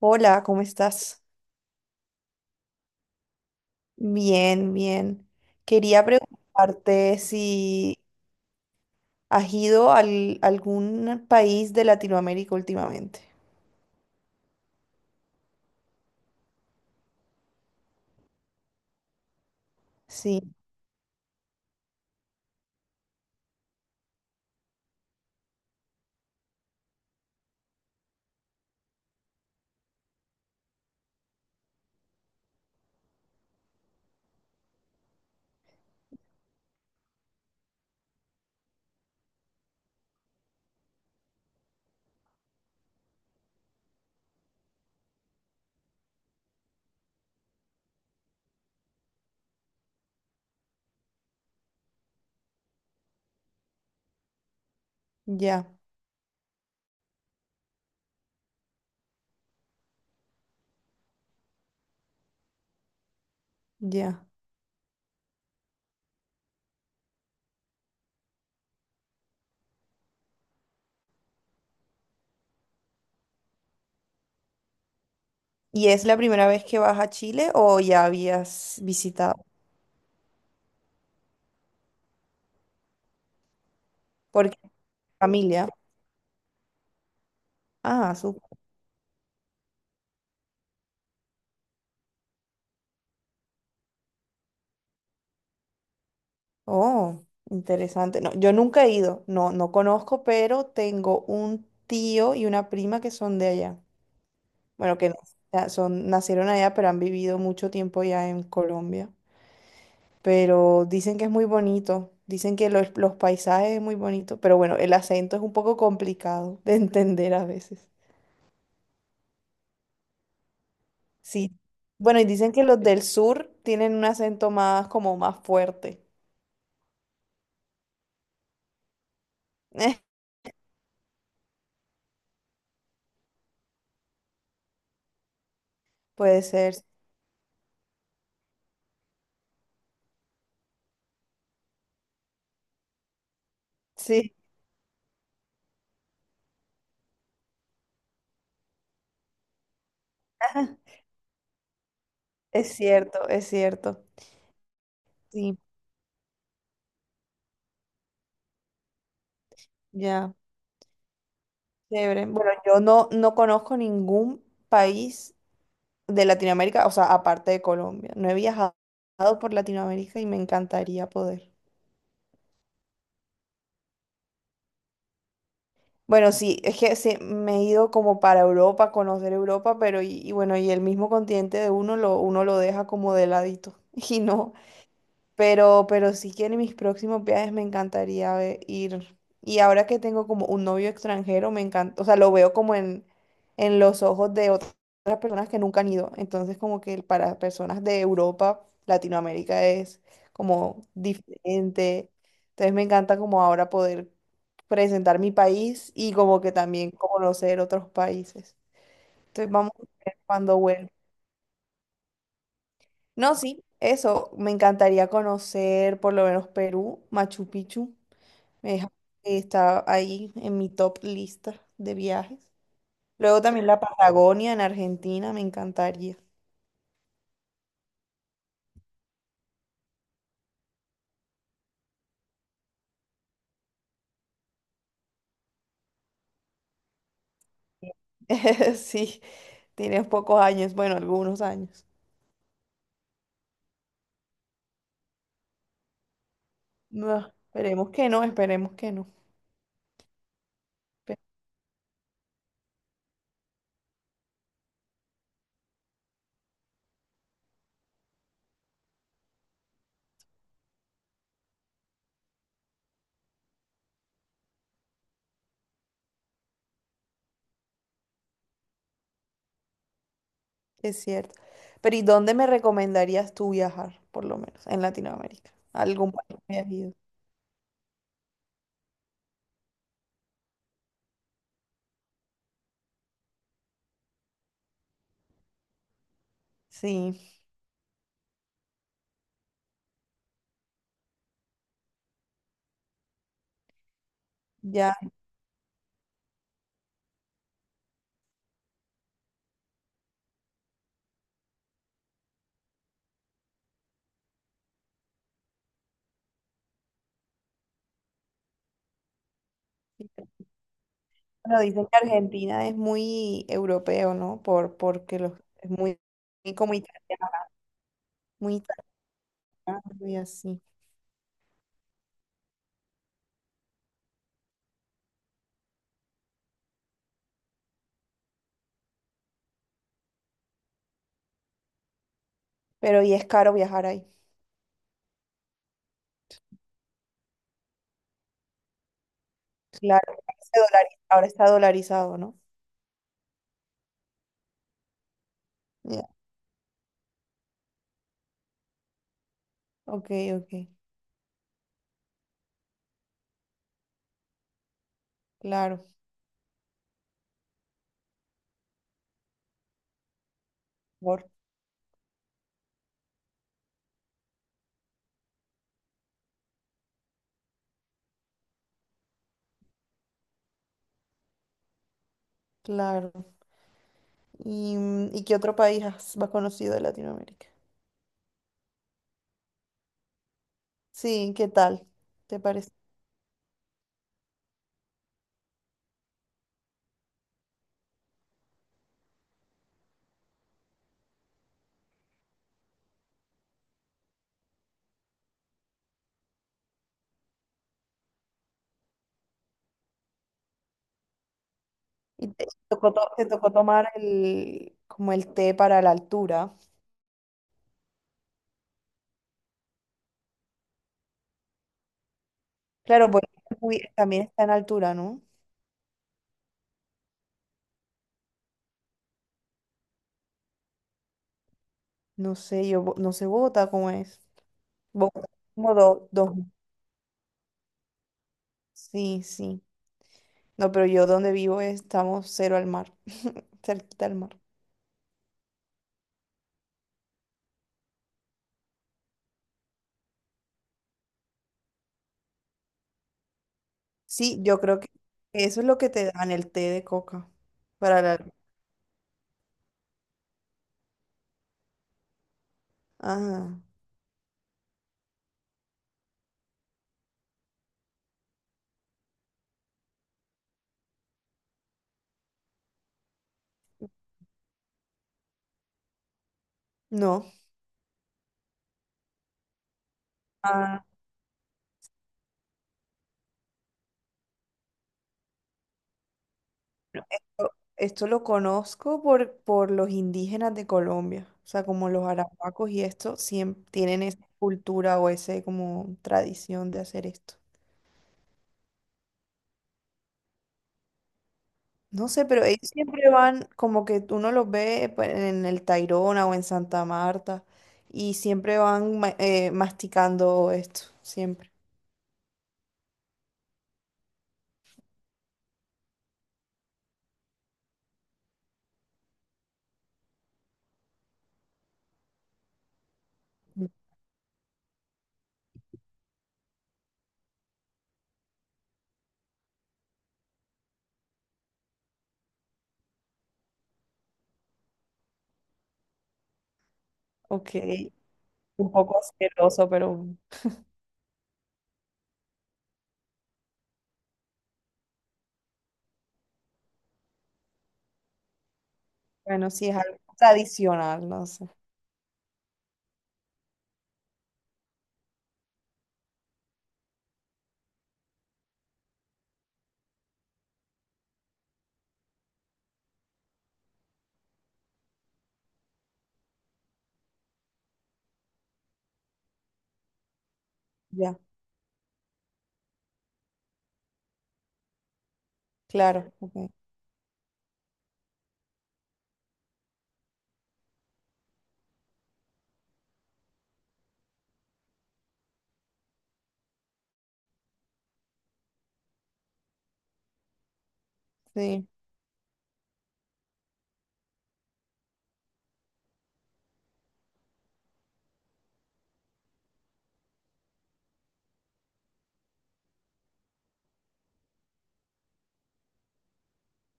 Hola, ¿cómo estás? Bien, bien. Quería preguntarte si has ido a algún país de Latinoamérica últimamente. Sí, ya, ya. ¿Y es la primera vez que vas a Chile o ya habías visitado? Porque familia. Ah, súper. Oh, interesante. No, yo nunca he ido. No, no conozco, pero tengo un tío y una prima que son de allá. Bueno, que no- ya son, nacieron allá, pero han vivido mucho tiempo ya en Colombia. Pero dicen que es muy bonito, dicen que los paisajes es muy bonito, pero bueno, el acento es un poco complicado de entender a veces. Sí. Bueno, y dicen que los del sur tienen un acento más como más fuerte. Eh, puede ser. Sí, es cierto, es cierto. Sí, ya. Chévere. Bueno, yo no, no conozco ningún país de Latinoamérica, o sea, aparte de Colombia. No he viajado por Latinoamérica y me encantaría poder. Bueno, sí, es que sí, me he ido como para Europa, a conocer Europa, pero y bueno, y el mismo continente de uno lo deja como de ladito. Y no, pero sí que en mis próximos viajes me encantaría ir. Y ahora que tengo como un novio extranjero, me encanta, o sea, lo veo como en los ojos de otras personas que nunca han ido. Entonces, como que para personas de Europa, Latinoamérica es como diferente. Entonces, me encanta como ahora poder presentar mi país y como que también conocer otros países. Entonces, vamos a ver cuando vuelva. No, sí, eso, me encantaría conocer por lo menos Perú, Machu Picchu, me deja- está ahí en mi top lista de viajes. Luego también la Patagonia en Argentina, me encantaría. Sí, tienes pocos años, bueno, algunos años. No, esperemos que no, esperemos que no, pe- es cierto. Pero ¿y dónde me recomendarías tú viajar, por lo menos, en Latinoamérica? ¿Algún país que hayas ido? Sí, ya. Bueno, dicen que Argentina es muy europeo, ¿no? Porque es muy, muy como italiano, muy italiano y así. Pero y es caro viajar ahí. Claro, ahora está dolarizado, ¿no? Ya, ok, ok, claro, por- claro. ¿Y qué otro país has más conocido de Latinoamérica? Sí, ¿qué tal? ¿Te parece? ¿Y te tocó, te tocó tomar como el té para la altura? Claro, porque es también está en altura, ¿no? No sé, no sé Bogotá cómo es. Bogotá es como dos, dos. Sí, sí. No, pero yo donde vivo estamos cero al mar, cerquita al mar. Sí, yo creo que eso es lo que te dan el té de coca para la... Ah, no. Ah, o- esto lo conozco por los indígenas de Colombia. O sea, como los arahuacos y esto, siempre tienen esa cultura o ese como tradición de hacer esto. No sé, pero ellos siempre van como que uno los ve pues, en el Tayrona o en Santa Marta y siempre van masticando esto, siempre. Mm. Ok, un poco asqueroso, pero bueno, sí es algo tradicional, no sé. Ya, claro, ok, sí,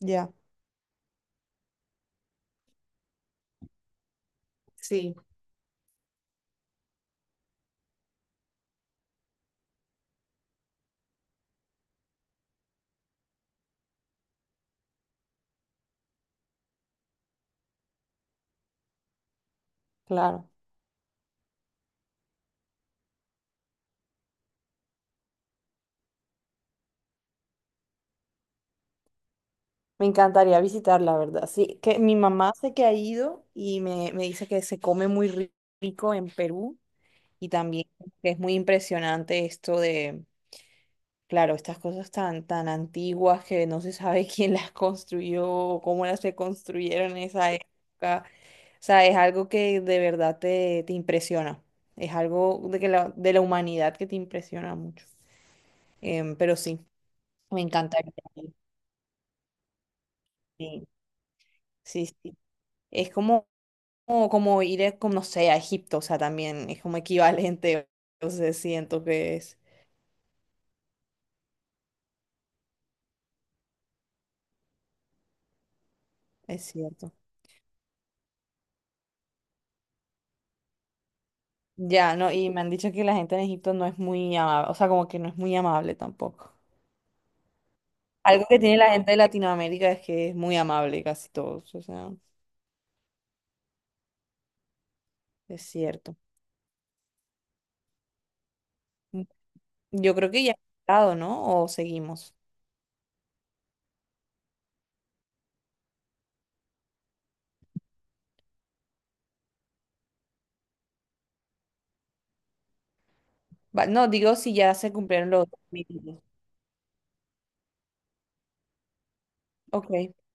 ya, sí, claro. Me encantaría visitar, la verdad. Sí, que mi mamá sé que ha ido y me dice que se come muy rico en Perú. Y también que es muy impresionante esto de, claro, estas cosas tan, tan antiguas que no se sabe quién las construyó o cómo las se construyeron en esa época. O sea, es algo que de verdad te impresiona. Es algo de la humanidad que te impresiona mucho. Pero sí, me encantaría ir. Sí, sí, sí. Es como ir, como, no sé, a Egipto. O sea, también es como equivalente. Entonces siento que es cierto. Ya, no, y me han dicho que la gente en Egipto no es muy amable, o sea, como que no es muy amable tampoco. Algo que tiene la gente de Latinoamérica es que es muy amable casi todos, o sea, es cierto. Mm, Yo creo que ya ha estado, ¿no? O seguimos. No, digo si ya se cumplieron los 2 minutos. Ok.